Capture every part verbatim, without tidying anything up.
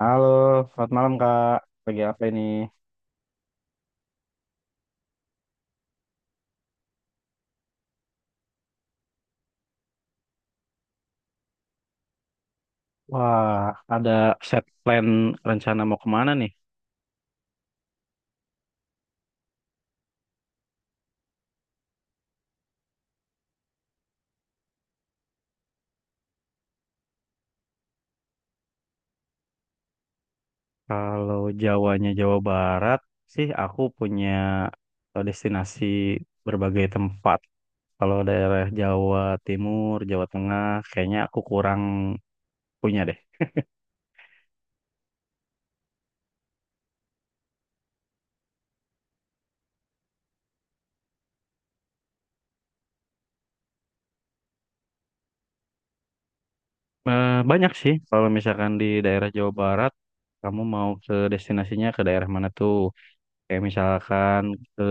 Halo, selamat malam Kak. Lagi apa ini? Wah, ada set plan rencana mau kemana nih? Kalau Jawanya Jawa Barat sih, aku punya eh, destinasi berbagai tempat. Kalau daerah Jawa Timur, Jawa Tengah, kayaknya aku kurang punya deh. Eh, banyak sih, kalau misalkan di daerah Jawa Barat, kamu mau ke destinasinya ke daerah mana tuh? Kayak misalkan ke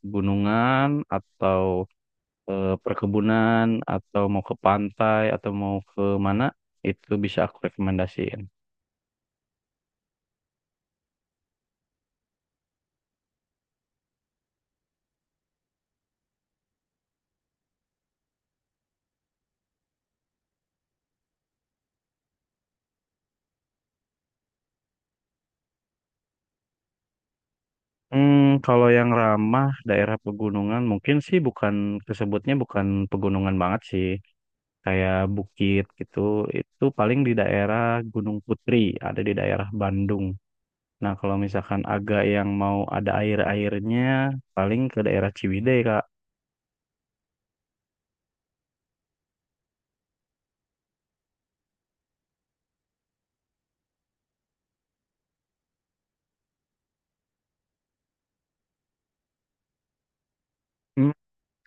pegunungan atau ke perkebunan atau mau ke pantai atau mau ke mana itu bisa aku rekomendasiin. Hmm, kalau yang ramah daerah pegunungan mungkin sih bukan tersebutnya bukan pegunungan banget sih. Kayak bukit gitu, itu paling di daerah Gunung Putri, ada di daerah Bandung. Nah, kalau misalkan agak yang mau ada air-airnya, paling ke daerah Ciwidey, Kak. Hmm,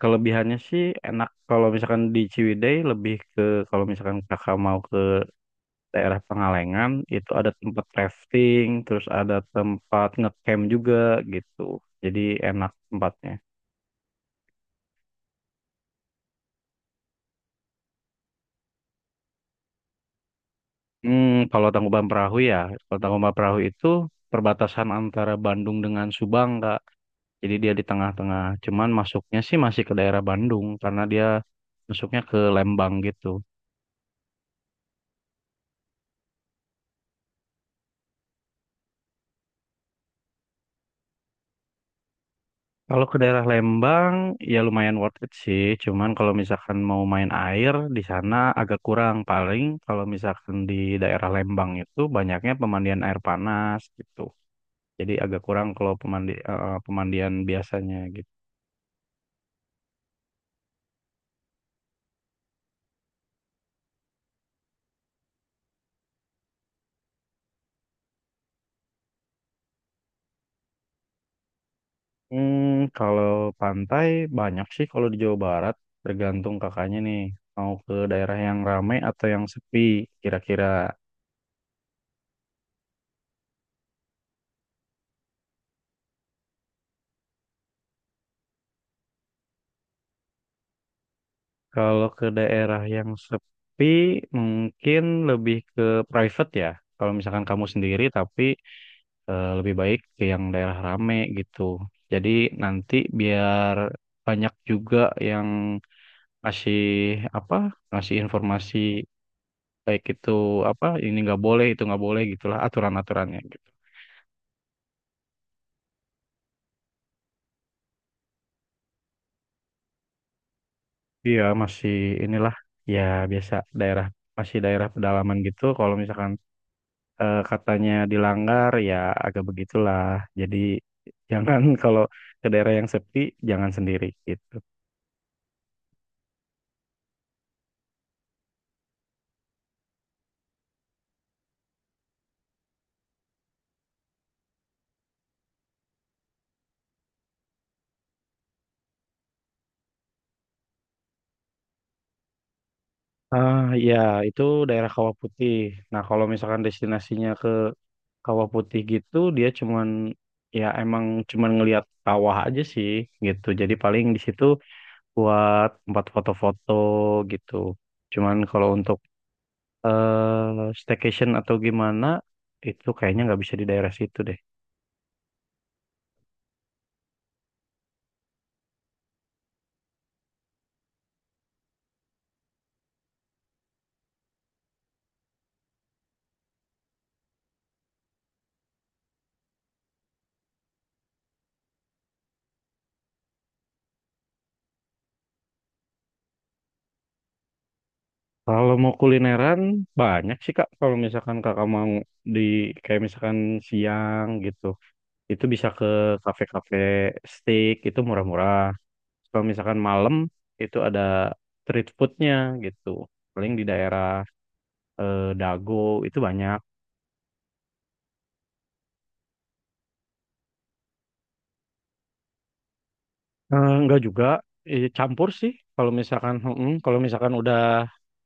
kelebihannya sih enak kalau misalkan di Ciwidey lebih ke kalau misalkan kakak mau ke daerah Pengalengan itu ada tempat rafting, terus ada tempat ngecamp juga gitu. Jadi enak tempatnya. Hmm, kalau Tangkuban Perahu ya, kalau Tangkuban Perahu itu perbatasan antara Bandung dengan Subang, Kak. Jadi dia di tengah-tengah. Cuman masuknya sih masih ke daerah Bandung karena dia masuknya ke Lembang gitu. Kalau ke daerah Lembang ya lumayan worth it sih. Cuman kalau misalkan mau main air di sana agak kurang. Paling kalau misalkan di daerah Lembang itu banyaknya pemandian air panas gitu. Jadi agak kurang kalau pemandi eh, pemandian biasanya gitu. Hmm, kalau pantai banyak sih kalau di Jawa Barat tergantung kakaknya nih mau ke daerah yang ramai atau yang sepi kira-kira. Kalau ke daerah yang sepi, mungkin lebih ke private ya. Kalau misalkan kamu sendiri, tapi eh, lebih baik ke yang daerah rame gitu. Jadi nanti biar banyak juga yang ngasih apa, ngasih informasi baik itu apa, ini nggak boleh, itu nggak boleh gitulah aturan-aturannya gitu. Iya masih inilah ya biasa daerah masih daerah pedalaman gitu. Kalau misalkan eh, katanya dilanggar ya agak begitulah. Jadi jangan kalau ke daerah yang sepi jangan sendiri gitu. Ah ya itu daerah Kawah Putih. Nah kalau misalkan destinasinya ke Kawah Putih gitu dia cuman ya emang cuman ngelihat kawah aja sih gitu. Jadi paling di situ buat tempat foto-foto gitu. Cuman kalau untuk eh, staycation atau gimana itu kayaknya nggak bisa di daerah situ deh. Kalau mau kulineran banyak sih Kak. Kalau misalkan Kakak mau di kayak misalkan siang gitu, itu bisa ke kafe-kafe steak itu murah-murah. Kalau misalkan malam itu ada street foodnya gitu. Paling di daerah eh, Dago itu banyak. Eh, enggak juga eh, campur sih. Kalau misalkan mm, kalau misalkan udah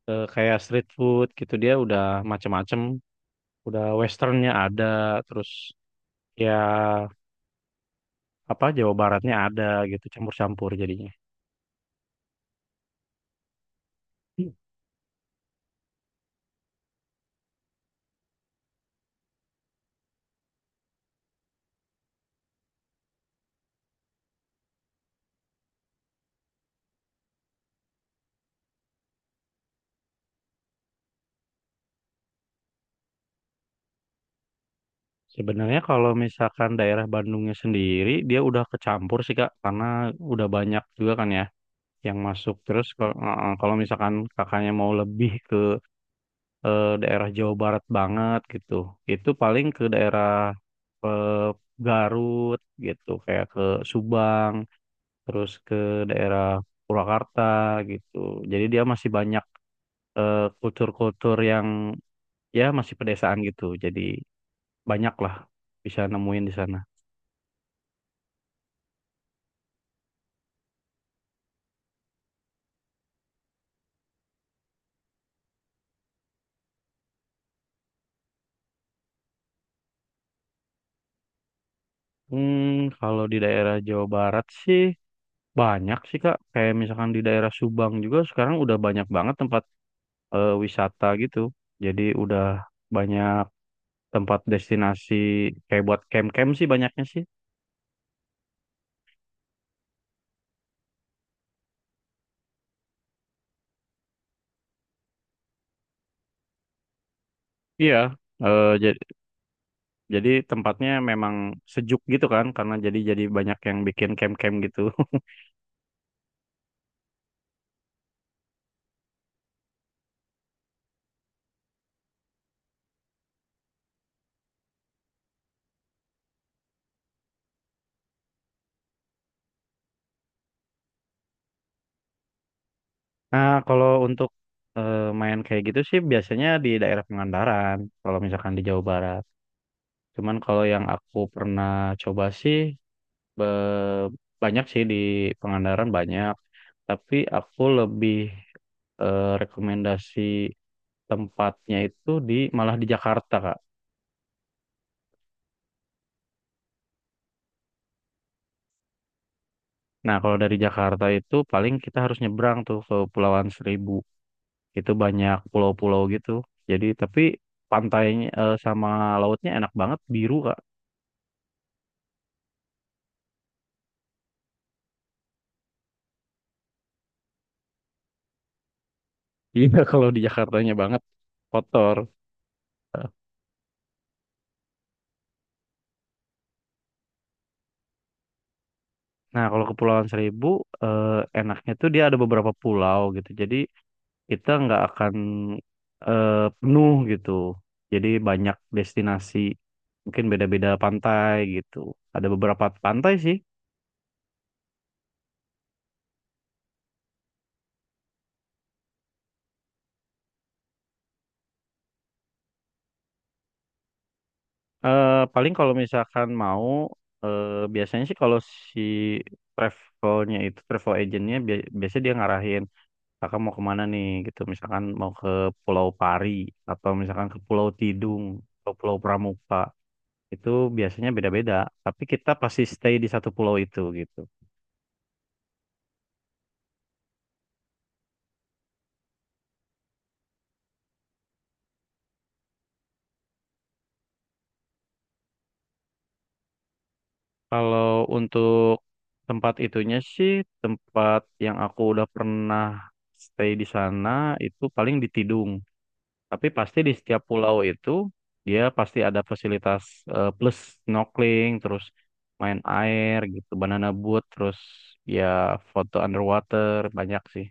eh, kayak street food gitu dia udah macem-macem. Udah westernnya ada terus ya apa Jawa Baratnya ada gitu campur-campur jadinya. Hmm. Sebenarnya kalau misalkan daerah Bandungnya sendiri dia udah kecampur sih Kak karena udah banyak juga kan ya yang masuk. Terus kalau eh, kalau misalkan kakaknya mau lebih ke eh, daerah Jawa Barat banget gitu. Itu paling ke daerah eh, Garut gitu kayak ke Subang, terus ke daerah Purwakarta gitu. Jadi dia masih banyak eh, kultur-kultur yang ya masih pedesaan gitu jadi banyak lah bisa nemuin di sana. Hmm, kalau di daerah Jawa Barat sih banyak sih Kak kayak misalkan di daerah Subang juga sekarang udah banyak banget tempat eh, wisata gitu jadi udah banyak tempat destinasi kayak buat camp-camp sih banyaknya sih. Iya eh, jadi jadi tempatnya memang sejuk gitu kan karena jadi jadi banyak yang bikin camp-camp gitu Nah, kalau untuk eh, main kayak gitu sih biasanya di daerah Pangandaran, kalau misalkan di Jawa Barat. Cuman kalau yang aku pernah coba sih be- banyak sih di Pangandaran banyak, tapi aku lebih eh, rekomendasi tempatnya itu di malah di Jakarta, Kak. Nah, kalau dari Jakarta itu paling kita harus nyebrang tuh ke Pulauan Seribu. Itu banyak pulau-pulau gitu. Jadi tapi pantainya eh, sama lautnya enak banget biru, Kak. Iya kalau di Jakartanya banget kotor. Nah kalau Kepulauan Seribu eh, enaknya tuh dia ada beberapa pulau gitu. Jadi kita nggak akan eh, penuh gitu. Jadi banyak destinasi mungkin beda-beda pantai gitu. Ada beberapa pantai sih. Eh, paling kalau misalkan mau eh, biasanya sih kalau si travelnya itu travel agentnya bia- biasanya dia ngarahin. Kakak mau kemana nih gitu misalkan mau ke Pulau Pari atau misalkan ke Pulau Tidung atau Pulau Pramuka itu biasanya beda-beda tapi kita pasti stay di satu pulau itu gitu. Kalau untuk tempat itunya sih tempat yang aku udah pernah stay di sana itu paling di Tidung. Tapi pasti di setiap pulau itu dia pasti ada fasilitas eh, plus snorkeling, terus main air gitu, banana boat, terus ya foto underwater banyak sih.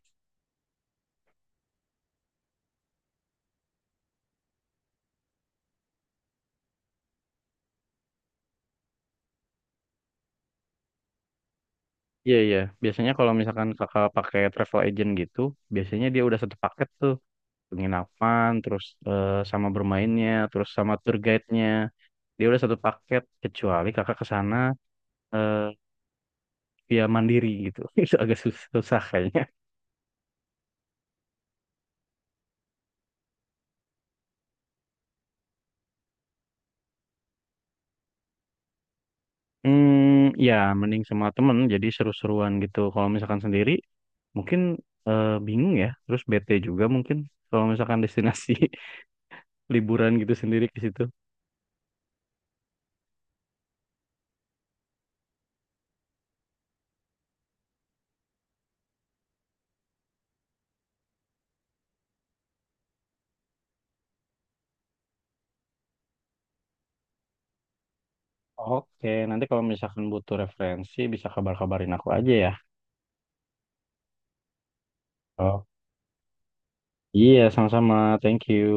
Iya iya, biasanya kalau misalkan kakak pakai travel agent gitu, biasanya dia udah satu paket tuh penginapan, terus eh, sama bermainnya, terus sama tour guide-nya, dia udah satu paket kecuali kakak ke sana eh, via mandiri gitu, itu agak susah, susah kayaknya. Hmm, ya mending sama temen jadi seru-seruan gitu. Kalau misalkan sendiri mungkin eh, bingung ya, terus bete juga mungkin kalau misalkan destinasi liburan gitu sendiri ke situ. Oke, nanti kalau misalkan butuh referensi bisa kabar-kabarin aku aja ya. Oh. Iya, sama-sama. Thank you.